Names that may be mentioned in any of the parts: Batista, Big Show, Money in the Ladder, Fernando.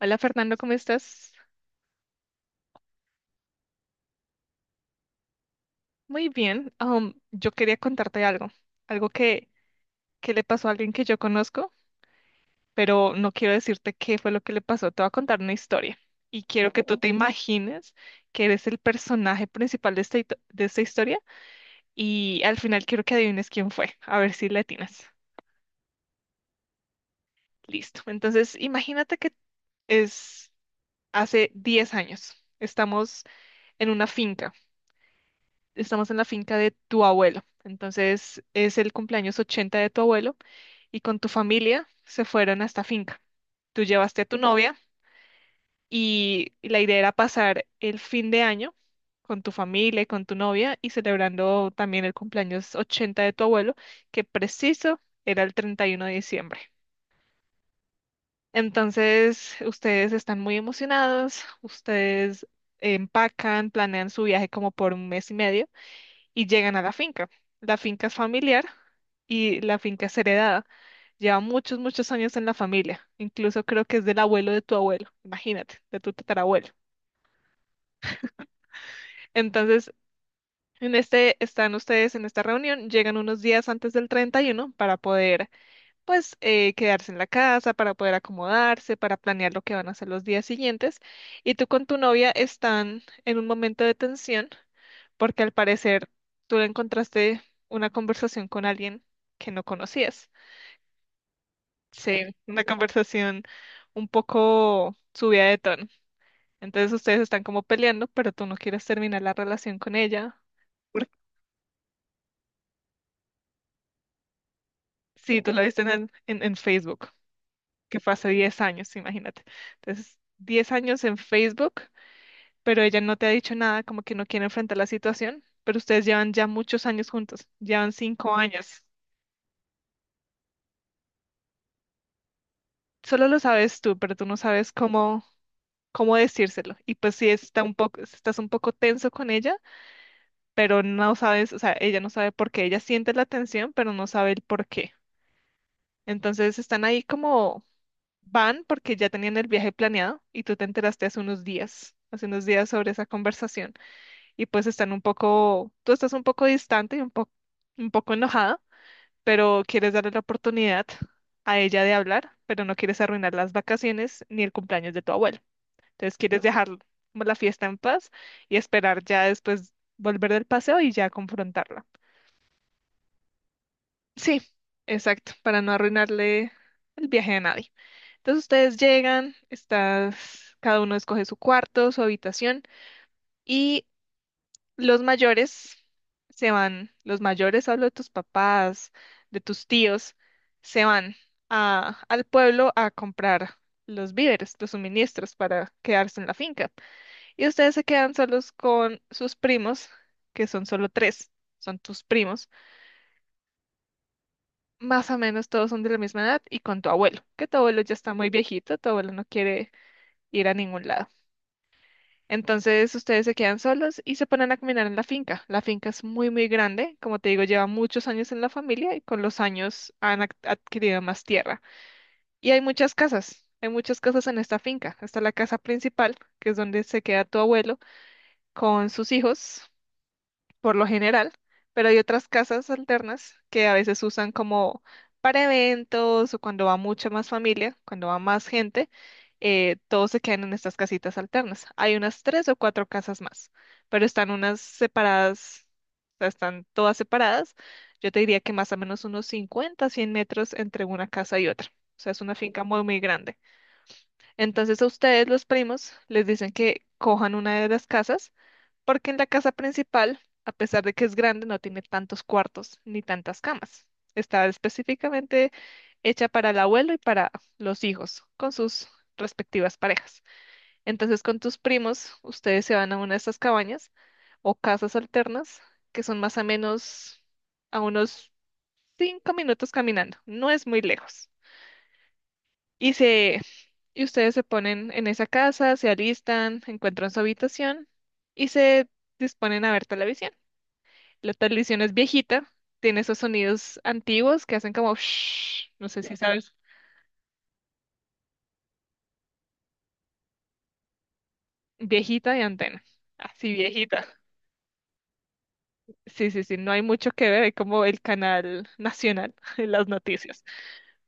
Hola Fernando, ¿cómo estás? Muy bien. Yo quería contarte algo, algo que le pasó a alguien que yo conozco, pero no quiero decirte qué fue lo que le pasó. Te voy a contar una historia y quiero que tú te imagines que eres el personaje principal de esta, de esta historia y al final quiero que adivines quién fue, a ver si le atinas. Listo. Entonces, imagínate que es hace 10 años. Estamos en una finca. Estamos en la finca de tu abuelo. Entonces es el cumpleaños 80 de tu abuelo y con tu familia se fueron a esta finca. Tú llevaste a tu novia y la idea era pasar el fin de año con tu familia y con tu novia y celebrando también el cumpleaños 80 de tu abuelo, que preciso era el 31 de diciembre. Entonces, ustedes están muy emocionados, ustedes empacan, planean su viaje como por un mes y medio y llegan a la finca. La finca es familiar y la finca es heredada. Lleva muchos, muchos años en la familia. Incluso creo que es del abuelo de tu abuelo. Imagínate, de tu tatarabuelo. Entonces, están ustedes en esta reunión, llegan unos días antes del 31 para poder, pues, quedarse en la casa, para poder acomodarse, para planear lo que van a hacer los días siguientes. Y tú con tu novia están en un momento de tensión porque al parecer tú le encontraste una conversación con alguien que no conocías. Sí, una conversación un poco subida de tono. Entonces ustedes están como peleando, pero tú no quieres terminar la relación con ella. Porque, sí, tú la viste en Facebook, que fue hace 10 años, imagínate. Entonces, 10 años en Facebook, pero ella no te ha dicho nada, como que no quiere enfrentar la situación, pero ustedes llevan ya muchos años juntos, llevan 5 años. Solo lo sabes tú, pero tú no sabes cómo decírselo. Y pues si estás un poco tenso con ella, pero no sabes, o sea, ella no sabe por qué, ella siente la tensión, pero no sabe el por qué. Entonces están ahí como van porque ya tenían el viaje planeado y tú te enteraste hace unos días sobre esa conversación. Y pues están un poco, tú estás un poco distante y un poco enojada, pero quieres darle la oportunidad a ella de hablar, pero no quieres arruinar las vacaciones ni el cumpleaños de tu abuela. Entonces quieres dejar como la fiesta en paz y esperar ya después volver del paseo y ya confrontarla. Sí, exacto, para no arruinarle el viaje a nadie. Entonces ustedes llegan, estás, cada uno escoge su cuarto, su habitación y los mayores se van, los mayores, hablo de tus papás, de tus tíos, se van a, al pueblo a comprar los víveres, los suministros para quedarse en la finca. Y ustedes se quedan solos con sus primos, que son solo tres, son tus primos. Más o menos todos son de la misma edad y con tu abuelo, que tu abuelo ya está muy viejito, tu abuelo no quiere ir a ningún lado. Entonces ustedes se quedan solos y se ponen a caminar en la finca. La finca es muy, muy grande, como te digo, lleva muchos años en la familia y con los años han adquirido más tierra. Y hay muchas casas en esta finca. Está la casa principal, que es donde se queda tu abuelo con sus hijos por lo general, pero hay otras casas alternas que a veces usan como para eventos o cuando va mucha más familia, cuando va más gente, todos se quedan en estas casitas alternas. Hay unas tres o cuatro casas más, pero están unas separadas, o sea, están todas separadas. Yo te diría que más o menos unos 50, 100 metros entre una casa y otra. O sea, es una finca muy, muy grande. Entonces a ustedes, los primos, les dicen que cojan una de las casas porque en la casa principal, a pesar de que es grande, no tiene tantos cuartos ni tantas camas. Está específicamente hecha para el abuelo y para los hijos, con sus respectivas parejas. Entonces, con tus primos, ustedes se van a una de estas cabañas o casas alternas, que son más o menos a unos 5 minutos caminando. No es muy lejos. Y se, y ustedes se ponen en esa casa, se alistan, encuentran su habitación y se disponen a ver televisión. La televisión es viejita, tiene esos sonidos antiguos que hacen como, shhh, no sé si sabes, viejita y antena, así viejita. Sí, sí, sí, no hay mucho que ver, es como el canal nacional en las noticias.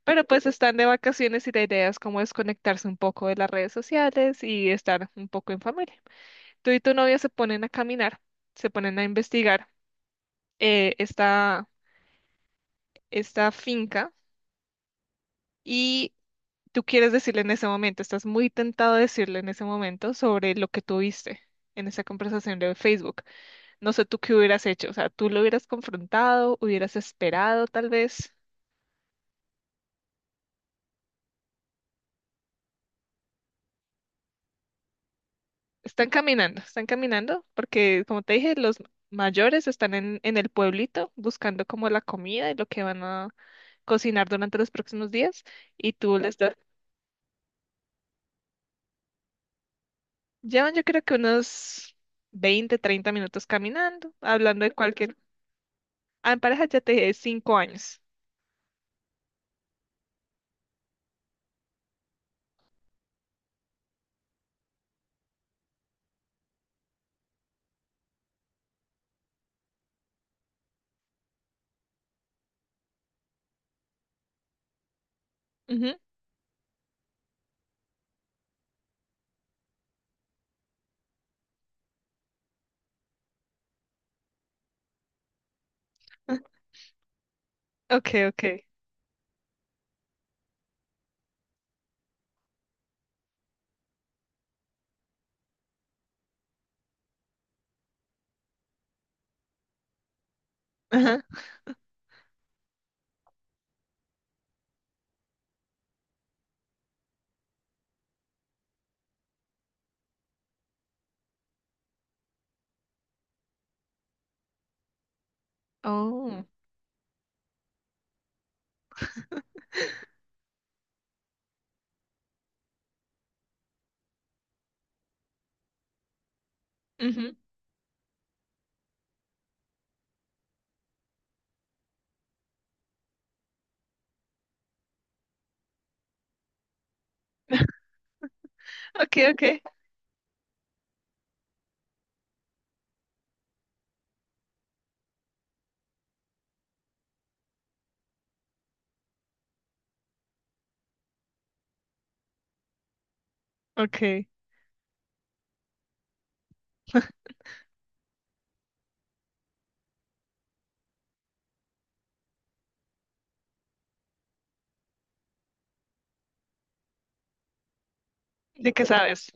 Pero pues están de vacaciones y la idea es como desconectarse un poco de las redes sociales y estar un poco en familia. Tú y tu novia se ponen a caminar, se ponen a investigar eh, esta, esta finca. Y tú quieres decirle en ese momento, estás muy tentado a decirle en ese momento sobre lo que tuviste en esa conversación de Facebook. No sé tú qué hubieras hecho, o sea, tú lo hubieras confrontado, hubieras esperado tal vez. Están caminando, porque como te dije, los mayores están en el pueblito buscando como la comida y lo que van a cocinar durante los próximos días y tú les das, llevan yo creo que unos 20, 30 minutos caminando, hablando de cualquier... Ah, en pareja ya te dije, 5 años. Ujú. Okay, okay. Ajá. Oh. Ujú. Okay, okay. Okay. ¿De qué sabes?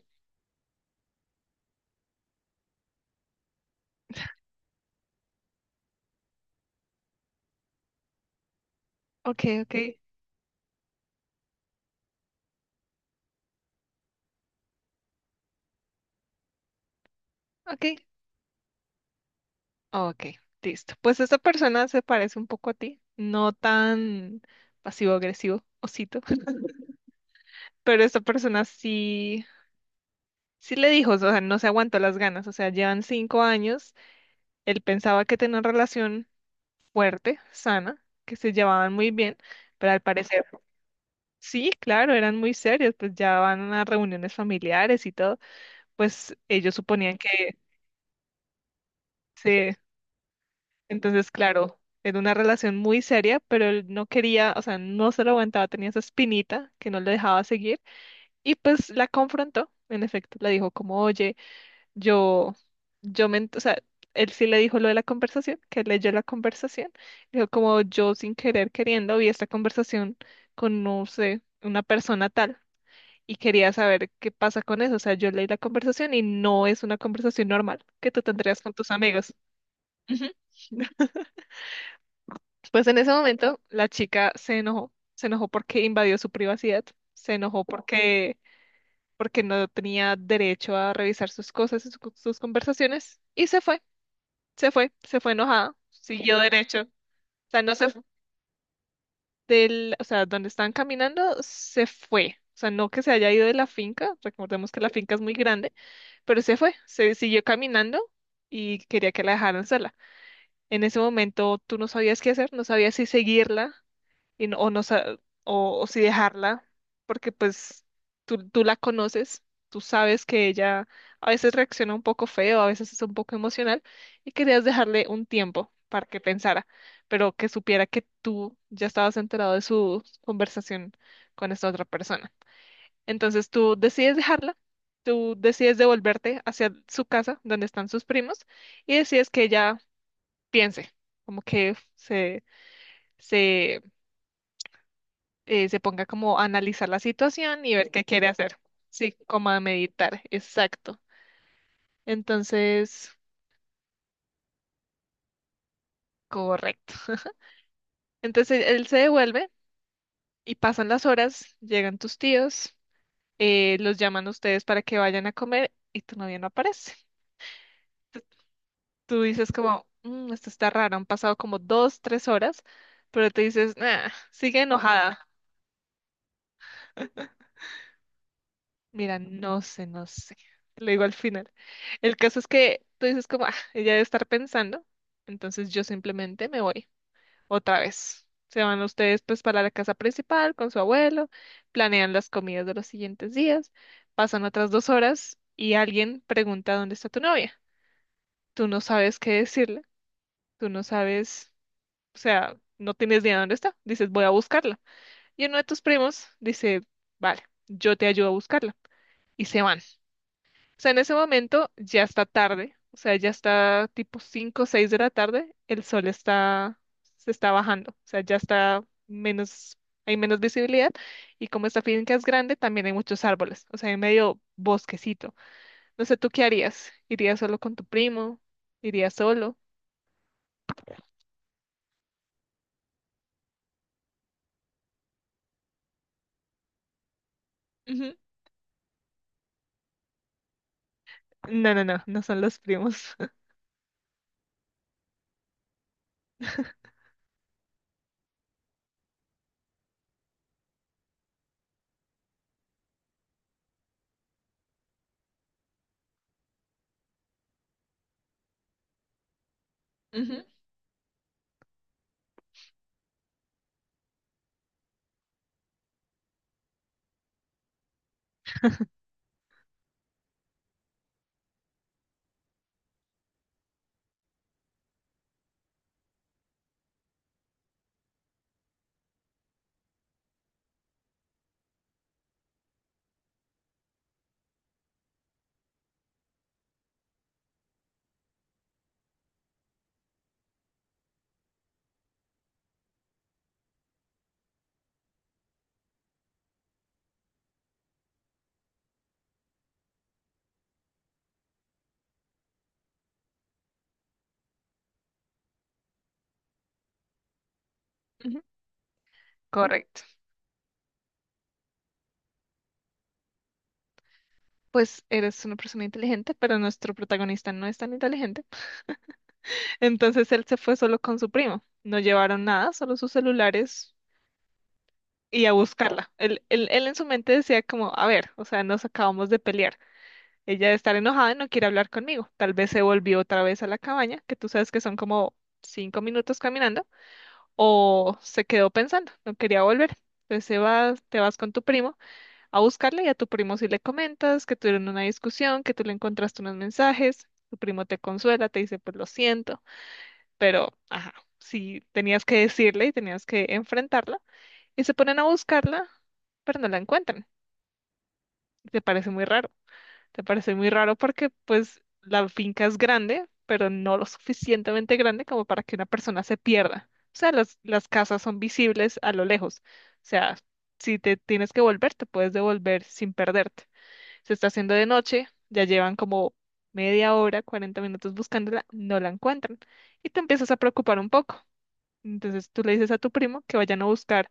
Okay, okay. Okay. Okay. Listo. Pues esta persona se parece un poco a ti, no tan pasivo-agresivo, osito, pero esta persona sí, sí le dijo, o sea, no se aguantó las ganas, o sea, llevan 5 años, él pensaba que tenían una relación fuerte, sana, que se llevaban muy bien, pero al parecer, sí, claro, eran muy serios, pues ya van a reuniones familiares y todo, pues ellos suponían que sí. Entonces, claro, era una relación muy seria, pero él no quería, o sea, no se lo aguantaba, tenía esa espinita que no le dejaba seguir y pues la confrontó. En efecto, le dijo como, oye, yo, yo o sea, él sí le dijo lo de la conversación, que leyó la conversación, dijo como, yo sin querer queriendo vi esta conversación con, no sé, una persona tal. Y quería saber qué pasa con eso. O sea, yo leí la conversación y no es una conversación normal que tú tendrías con tus amigos. Ujú. Pues en ese momento la chica se enojó, porque invadió su privacidad, se enojó porque no tenía derecho a revisar sus cosas y sus conversaciones y se fue enojada, siguió derecho, o sea, no se fu- del, o sea, donde estaban caminando, se fue. O sea, no que se haya ido de la finca, recordemos que la finca es muy grande, pero se fue, se siguió caminando y quería que la dejaran sola. En ese momento tú no sabías qué hacer, no sabías si seguirla y no, o, no, sa- o si dejarla, porque pues tú la conoces, tú sabes que ella a veces reacciona un poco feo, a veces es un poco emocional y querías dejarle un tiempo para que pensara, pero que supiera que tú ya estabas enterado de su conversación con esta otra persona. Entonces tú decides dejarla. Tú decides devolverte hacia su casa, donde están sus primos, y decides que ella piense, como que se se ponga como a analizar la situación y ver qué quiere hacer. Sí, como a meditar, exacto. Entonces, correcto. Entonces él se devuelve y pasan las horas, llegan tus tíos, los llaman a ustedes para que vayan a comer y tu novia no aparece. Tú tú dices como, "Mm, esto está raro, han pasado como 2, 3 horas", pero te dices, nah, sigue enojada. Mira, no sé, no sé. Te lo digo al final. El caso es que tú dices como, ah, ella debe estar pensando, entonces yo simplemente me voy otra vez. Se van ustedes pues para la casa principal con su abuelo, planean las comidas de los siguientes días, pasan otras 2 horas y alguien pregunta dónde está tu novia. Tú no sabes qué decirle, tú no sabes, o sea, no tienes ni idea dónde está. Dices, voy a buscarla. Y uno de tus primos dice, vale, yo te ayudo a buscarla. Y se van. O sea, en ese momento ya está tarde, o sea, ya está tipo 5, o 6 de la tarde, el sol está, se está bajando, o sea, ya está menos, hay menos visibilidad y como esta finca es grande, también hay muchos árboles, o sea, hay medio bosquecito. No sé, ¿tú qué harías? ¿Irías solo con tu primo? ¿Irías solo? Ujú. No, no, no, no son los primos. Ujú, ujú. Correcto. Pues eres una persona inteligente, pero nuestro protagonista no es tan inteligente. Entonces él se fue solo con su primo. No llevaron nada, solo sus celulares y a buscarla. Él en su mente decía como, a ver, o sea, nos acabamos de pelear. Ella está enojada y no quiere hablar conmigo. Tal vez se volvió otra vez a la cabaña, que tú sabes que son como 5 minutos caminando, o se quedó pensando, no quería volver. Entonces se va, te vas con tu primo a buscarla, y a tu primo si le comentas que tuvieron una discusión, que tú le encontraste unos mensajes. Tu primo te consuela, te dice, pues lo siento pero, ajá, sí, tenías que decirle y tenías que enfrentarla. Y se ponen a buscarla, pero no la encuentran. Y te parece muy raro. Te parece muy raro porque, pues, la finca es grande, pero no lo suficientemente grande como para que una persona se pierda. O sea, las casas son visibles a lo lejos. O sea, si te tienes que volver, te puedes devolver sin perderte. Se está haciendo de noche, ya llevan como media hora, 40 minutos buscándola, no la encuentran. Y te empiezas a preocupar un poco. Entonces tú le dices a tu primo que vayan a buscar,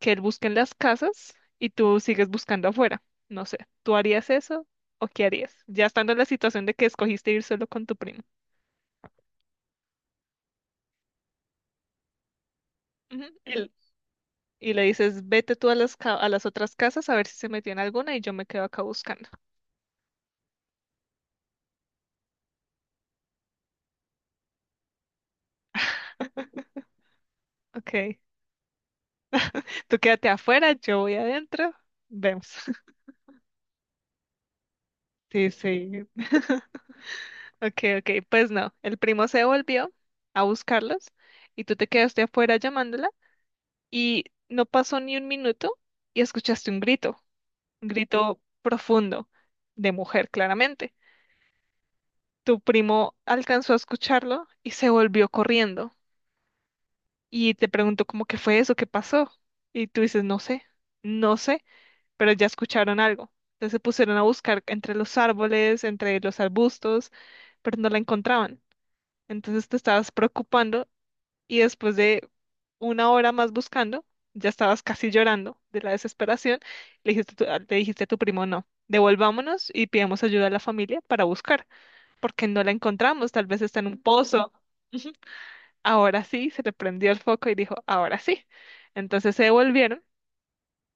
que él busque en las casas y tú sigues buscando afuera. No sé, ¿tú harías eso o qué harías? Ya estando en la situación de que escogiste ir solo con tu primo. Ujú, y le dices, vete tú a las, a las otras casas a ver si se metió en alguna y yo me quedo acá buscando. Ok, tú quédate afuera, yo voy adentro, vemos. Sí, sí. Ok, ok, pues no, el primo se volvió a buscarlos y tú te quedaste afuera llamándola, y no pasó ni un minuto y escuchaste un grito profundo de mujer, claramente. Tu primo alcanzó a escucharlo y se volvió corriendo y te preguntó cómo que fue eso, qué pasó. Y tú dices, no sé, no sé, pero ya escucharon algo. Entonces se pusieron a buscar entre los árboles, entre los arbustos, pero no la encontraban. Entonces te estabas preocupando y después de una hora más buscando, ya estabas casi llorando de la desesperación. Le dijiste a tu primo, no, devolvámonos y pidamos ayuda a la familia para buscar, porque no la encontramos, tal vez está en un pozo. Ujú. Ahora sí, se le prendió el foco y dijo, ahora sí. Entonces se devolvieron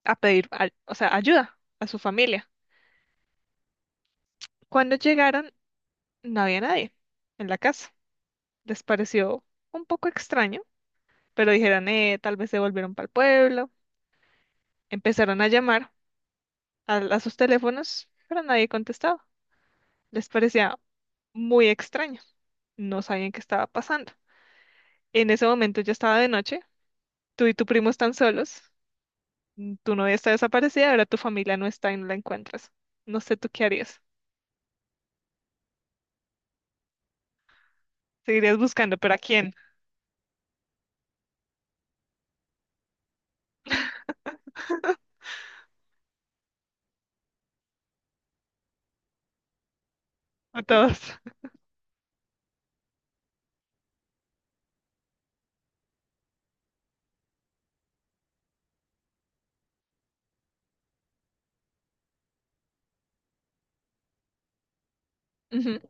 a pedir, ayuda a su familia. Cuando llegaron, no había nadie en la casa. Les pareció un poco extraño, pero dijeron, tal vez se volvieron para el pueblo. Empezaron a llamar a sus teléfonos, pero nadie contestaba. Les parecía muy extraño. No sabían qué estaba pasando. En ese momento ya estaba de noche. Tú y tu primo están solos. Tu novia está desaparecida, ahora tu familia no está y no la encuentras. No sé tú qué harías. Seguirías buscando, ¿pero a quién? A todos. Ujú,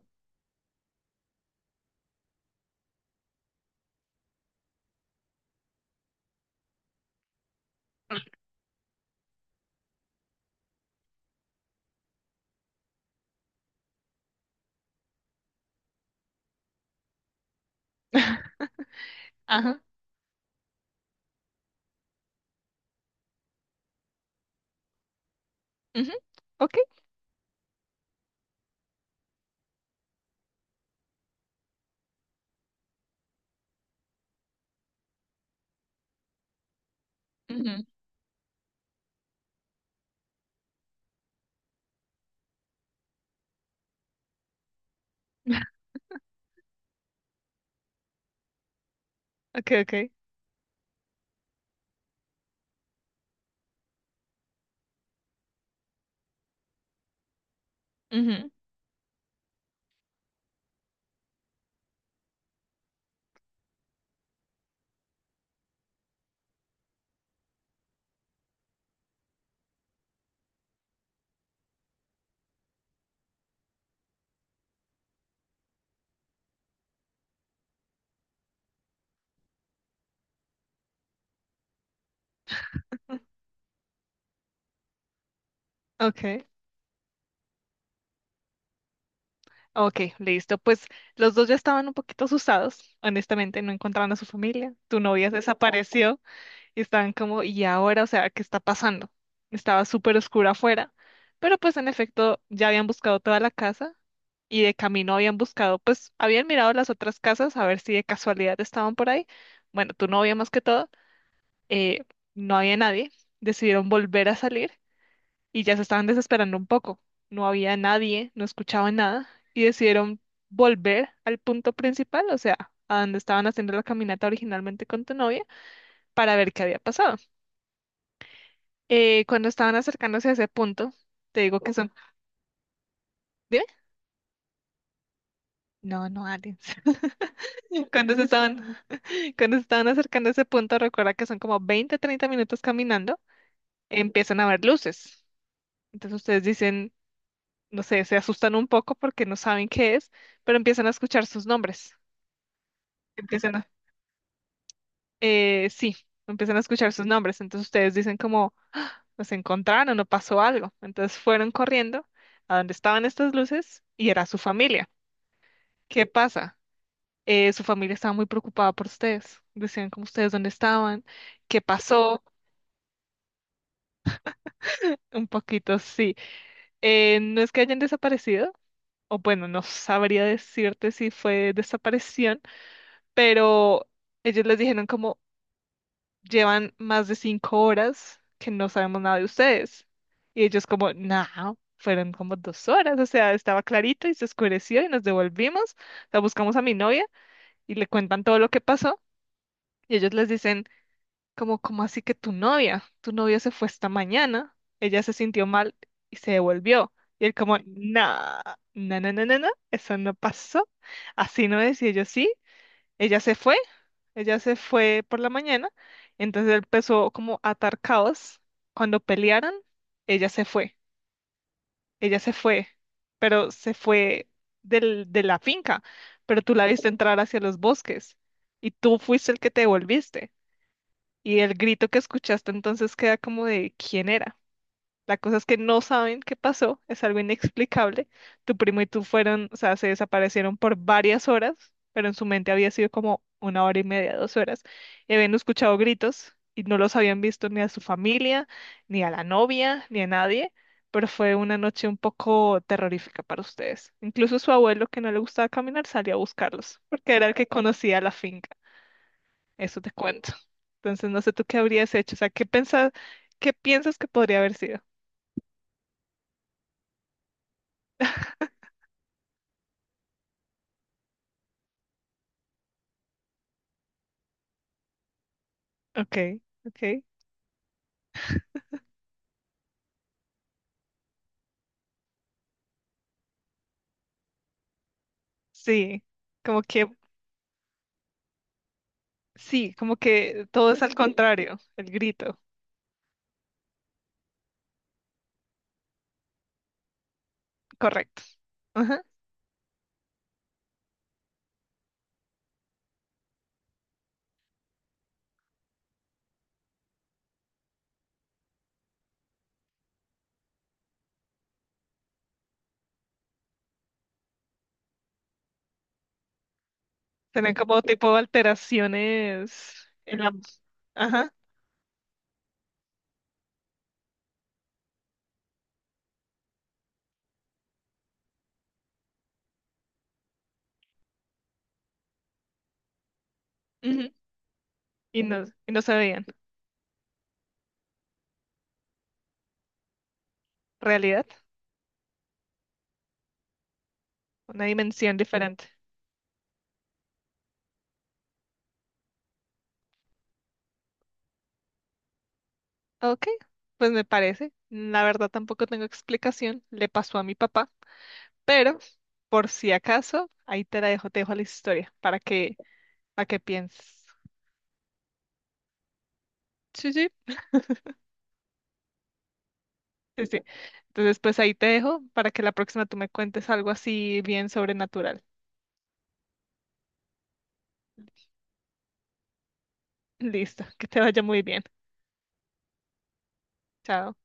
ajá, ujú, ok, ujú. Okay, okay. Ujú, okay. Okay, listo. Pues los dos ya estaban un poquito asustados, honestamente, no encontraban a su familia, tu novia desapareció, y estaban como, ¿y ahora? O sea, ¿qué está pasando? Estaba súper oscura afuera. Pero pues en efecto ya habían buscado toda la casa y de camino habían buscado, pues habían mirado las otras casas a ver si de casualidad estaban por ahí. Bueno, tu novia más que todo, eh, no había nadie. Decidieron volver a salir y ya se estaban desesperando un poco. No había nadie, no escuchaban nada y decidieron volver al punto principal, o sea, a donde estaban haciendo la caminata originalmente con tu novia, para ver qué había pasado. Cuando estaban acercándose a ese punto, te digo que son, ¿dime? No, no aliens. Cuando se estaban, Cuando se estaban acercando a ese punto, recuerda que son como 20, 30 minutos caminando, empiezan a ver luces. Entonces ustedes dicen, no sé, se asustan un poco porque no saben qué es, pero empiezan a escuchar sus nombres. Empiezan a, eh, sí, Empiezan a escuchar sus nombres. Entonces ustedes dicen como, nos encontraron o pasó algo. Entonces fueron corriendo a donde estaban estas luces y era su familia. ¿Qué pasa? Su familia estaba muy preocupada por ustedes. Decían como ustedes dónde estaban, qué pasó, un poquito, sí. No es que hayan desaparecido, o bueno, no sabría decirte si fue desaparición, pero ellos les dijeron como llevan más de 5 horas que no sabemos nada de ustedes. Y ellos como, no, fueron como 2 horas, o sea, estaba clarito y se oscureció y nos devolvimos, la buscamos a mi novia y le cuentan todo lo que pasó. Y ellos les dicen, como, como así que tu novia? Tu novia se fue esta mañana, ella se sintió mal y se devolvió. Y él como, no, no, no, no, no, no, eso no pasó. Así no es. Y ellos sí, ella se fue, ella se fue por la mañana. Entonces él empezó como a atar caos. Cuando pelearon, ella se fue, ella se fue, pero se fue de la finca, pero tú la viste entrar hacia los bosques y tú fuiste el que te devolviste. Y el grito que escuchaste entonces queda como de quién era. La cosa es que no saben qué pasó, es algo inexplicable. Tu primo y tú fueron, o sea, se desaparecieron por varias horas, pero en su mente había sido como una hora y media, 2 horas, y habían escuchado gritos y no los habían visto ni a su familia, ni a la novia, ni a nadie, pero fue una noche un poco terrorífica para ustedes. Incluso su abuelo, que no le gustaba caminar, salió a buscarlos, porque era el que conocía la finca. Eso te cuento. Entonces, no sé tú qué habrías hecho. O sea, ¿qué pensas, qué piensas que podría haber sido? Ok, ok. Sí, como que, sí, como que todo es al contrario, el grito, correcto. Ajá. Tener como tipo alteraciones en la... Ajá. Ujú, y no, y no se veían. Realidad, una dimensión diferente. Ok, pues me parece. La verdad tampoco tengo explicación. Le pasó a mi papá, pero... Por si acaso, ahí te la dejo, te dejo la historia para que pienses. Sí, sí, sí, sí. Entonces, pues ahí te dejo para que la próxima tú me cuentes algo así bien sobrenatural. Listo, que te vaya muy bien. Chao.